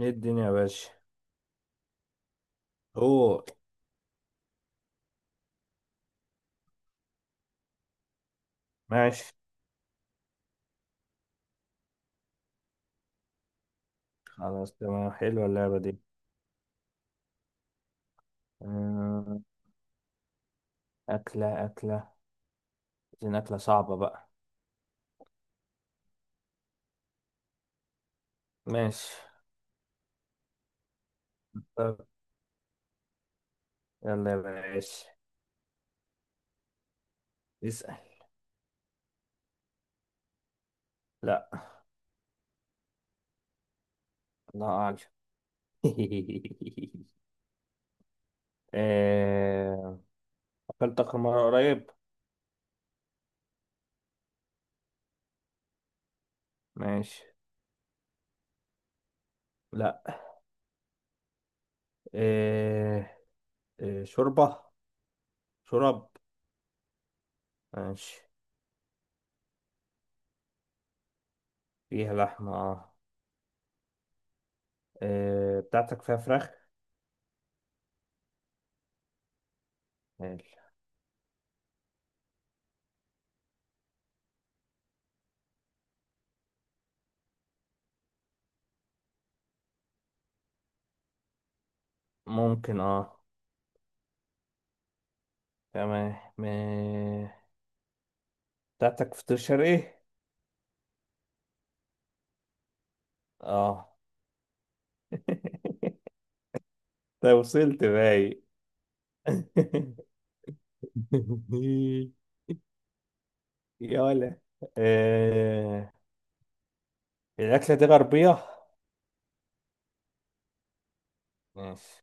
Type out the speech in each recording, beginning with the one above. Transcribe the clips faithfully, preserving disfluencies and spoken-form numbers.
ايه الدنيا يا باشا؟ هو ماشي. خلاص، تمام، حلوة اللعبة دي. آه، أكلة أكلة، عايزين أكلة صعبة بقى. ماشي، طب يلا يا باشا، اسأل. لا، الله أعلم. آه، أكلت آخر مرة قريب. ماشي. لا. آه، آه، شوربة شرب؟ ماشي. فيها لحمة، اه. آه، بتاعتك فيها فراخ؟ حلو. ممكن، اه. تمام. بتاعتك فطير ايه؟ اه. ده وصلت باي؟ يا ولا، آه... الأكلة دي غربية؟ ماشي.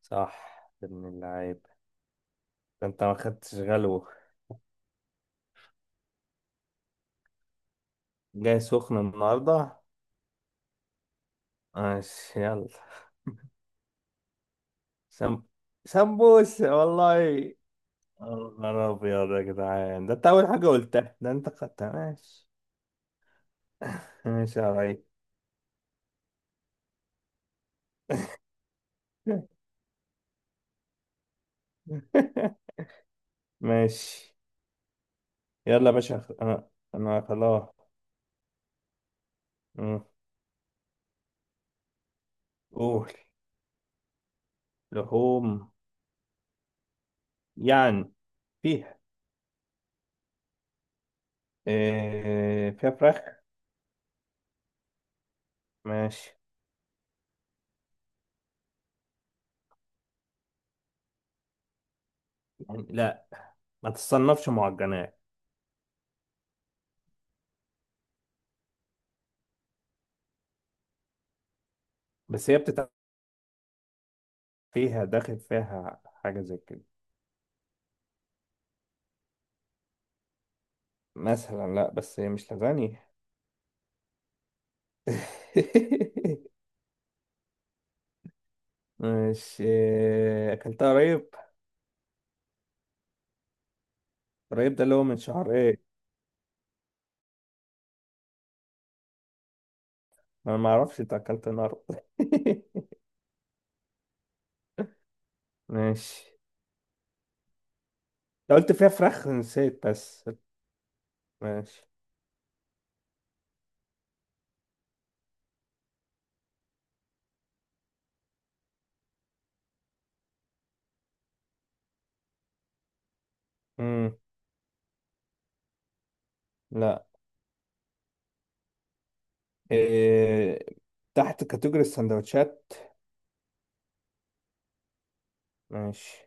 صح ابن اللعيب. ده انت ما خدتش غلوة؟ جاي سخن النهاردة. ماشي، يلا. سم... سمبوس والله يا نهار أبيض يا جدعان. ده انت أول حاجة قلتها، ده انت خدتها. ماشي. ماشي يا ريس. ماشي. يلا يا باشا، خ- انا انا خلاص. مم. قول. لحوم، يعني فيها إيه؟ فيها فراخ؟ ماشي. يعني لا، ما تصنفش معجنات. بس هي بتتعمل فيها، داخل فيها حاجة زي كده. مثلا لا، بس هي مش لازانيا. مش إيه، اكلتها قريب. قريب، ده اللي هو من شهر ايه؟ انا ما اعرفش انت اكلت النهارده. ماشي. أنت قلت فيها فراخ، نسيت بس. ماشي. مم. لا. إيه، تحت كاتيجوري السندوتشات؟ ماشي.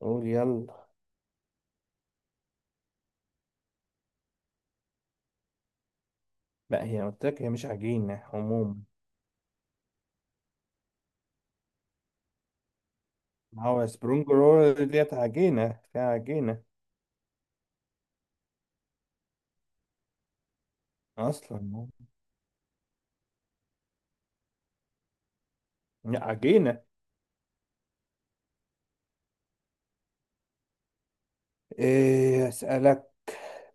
قول يلا. لا، هي قلت لك هي مش عجينة عموما. ما هو سبرونج رول ديت عجينة، فيها عجينة أصلا. لا، عجينة. إيه أسألك؟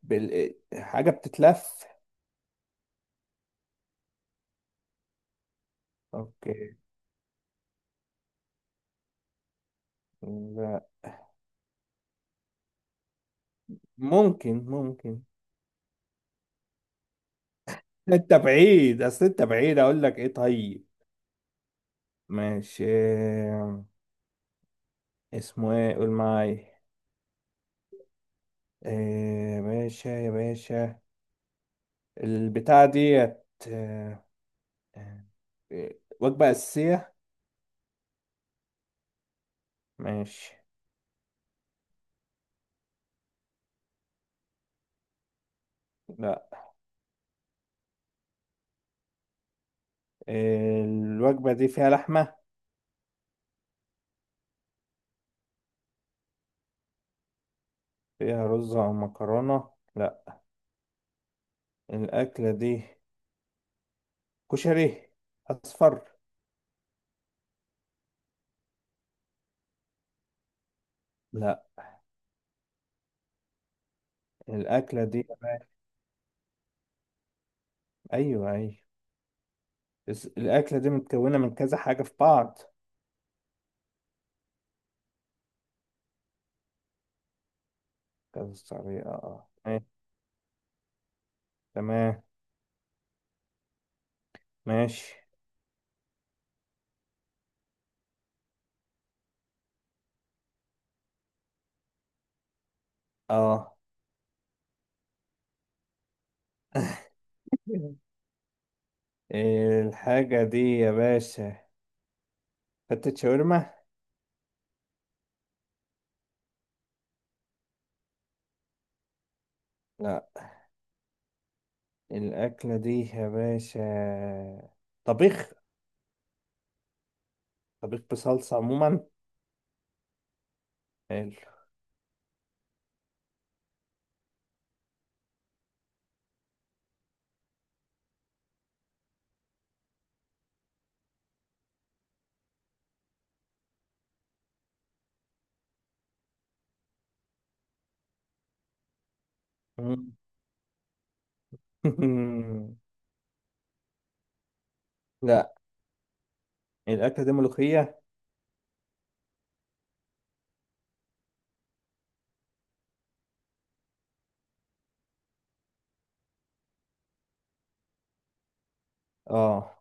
بال... حاجة بتتلف؟ أوكي، لا. ممكن ممكن. أنت بعيد، أصل أنت بعيد أقول لك إيه. طيب ماشي، إيه، اسمه إيه؟ قول معايا، إيه يا باشا يا باشا؟ البتاعة ديت، آه، آه، وجبة أساسية. ماشي. لا. الوجبة دي فيها لحمة. فيها رز أو مكرونة لا. الأكلة دي كشري أصفر. لا، الأكلة دي، أيوه أيوه. بس الأكلة دي متكونة من كذا حاجة في بعض. كذا طريقة، أه، إيه، تمام. ماشي، أه. الحاجة دي يا باشا فتة شاورما. لا. الأكلة دي يا باشا طبيخ. طبيخ بصلصة عموما. حلو. مم. لا، الأكلة دي ملوخية. اه.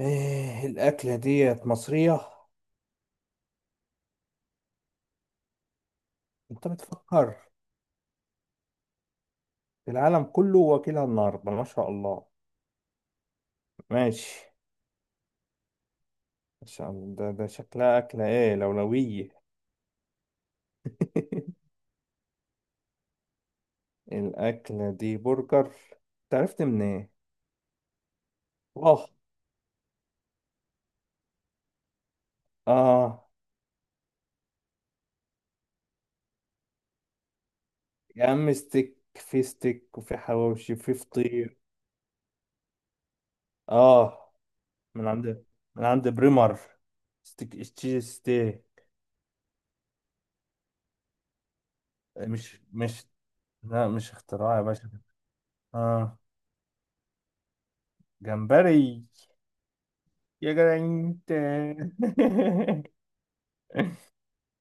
إيه الأكلة ديت مصرية؟ انت بتفكر. في العالم كله، واكلها النهاردة، ما شاء الله. ماشي، ما شاء الله. ده, ده شكلها أكلة ايه لولوية. الأكلة دي برجر؟ تعرفت من ايه؟ اه، اه، يا عم ستيك، في ستيك وفي حواوشي وفي فطير. اه، من عند من عند بريمر. ستيك ستي ستي. مش مش لا مش اختراع يا باشا. اه، جمبري. يا جدع انت.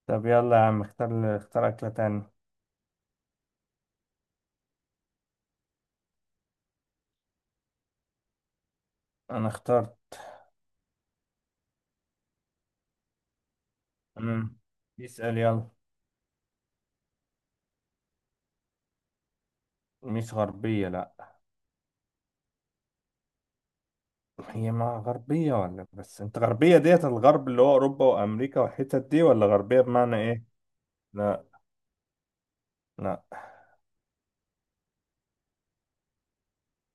طب يلا يا عم، اختار اختار أكلة تانية. أنا اخترت. امم اسأل يلا. مش غربية لا. هي ما غربية ولا، بس أنت غربية ديت الغرب اللي هو أوروبا وأمريكا والحتت دي، ولا غربية بمعنى إيه؟ لا، لا،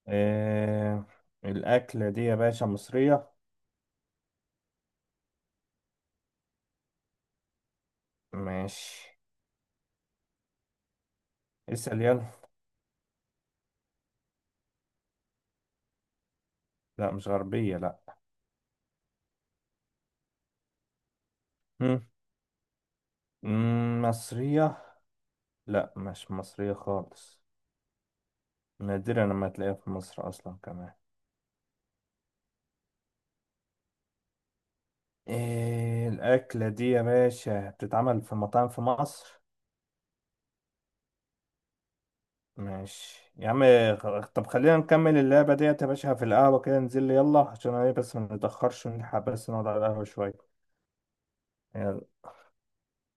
إيه... الأكلة دي يا باشا مصرية. ماشي، اسأل يلا. لا مش غربية لا. مم. مم، مصرية. لا مش مصرية خالص. نادرا لما تلاقيها في مصر أصلا كمان. إيه الأكلة دي يا باشا بتتعمل في مطاعم في مصر؟ ماشي يا عم. خ- طب خلينا نكمل اللعبة ديت يا باشا في القهوة، كده ننزل لي يلا، عشان ايه بس ما نتأخرش ونلحق، بس نقعد على القهوة شوية. يلا.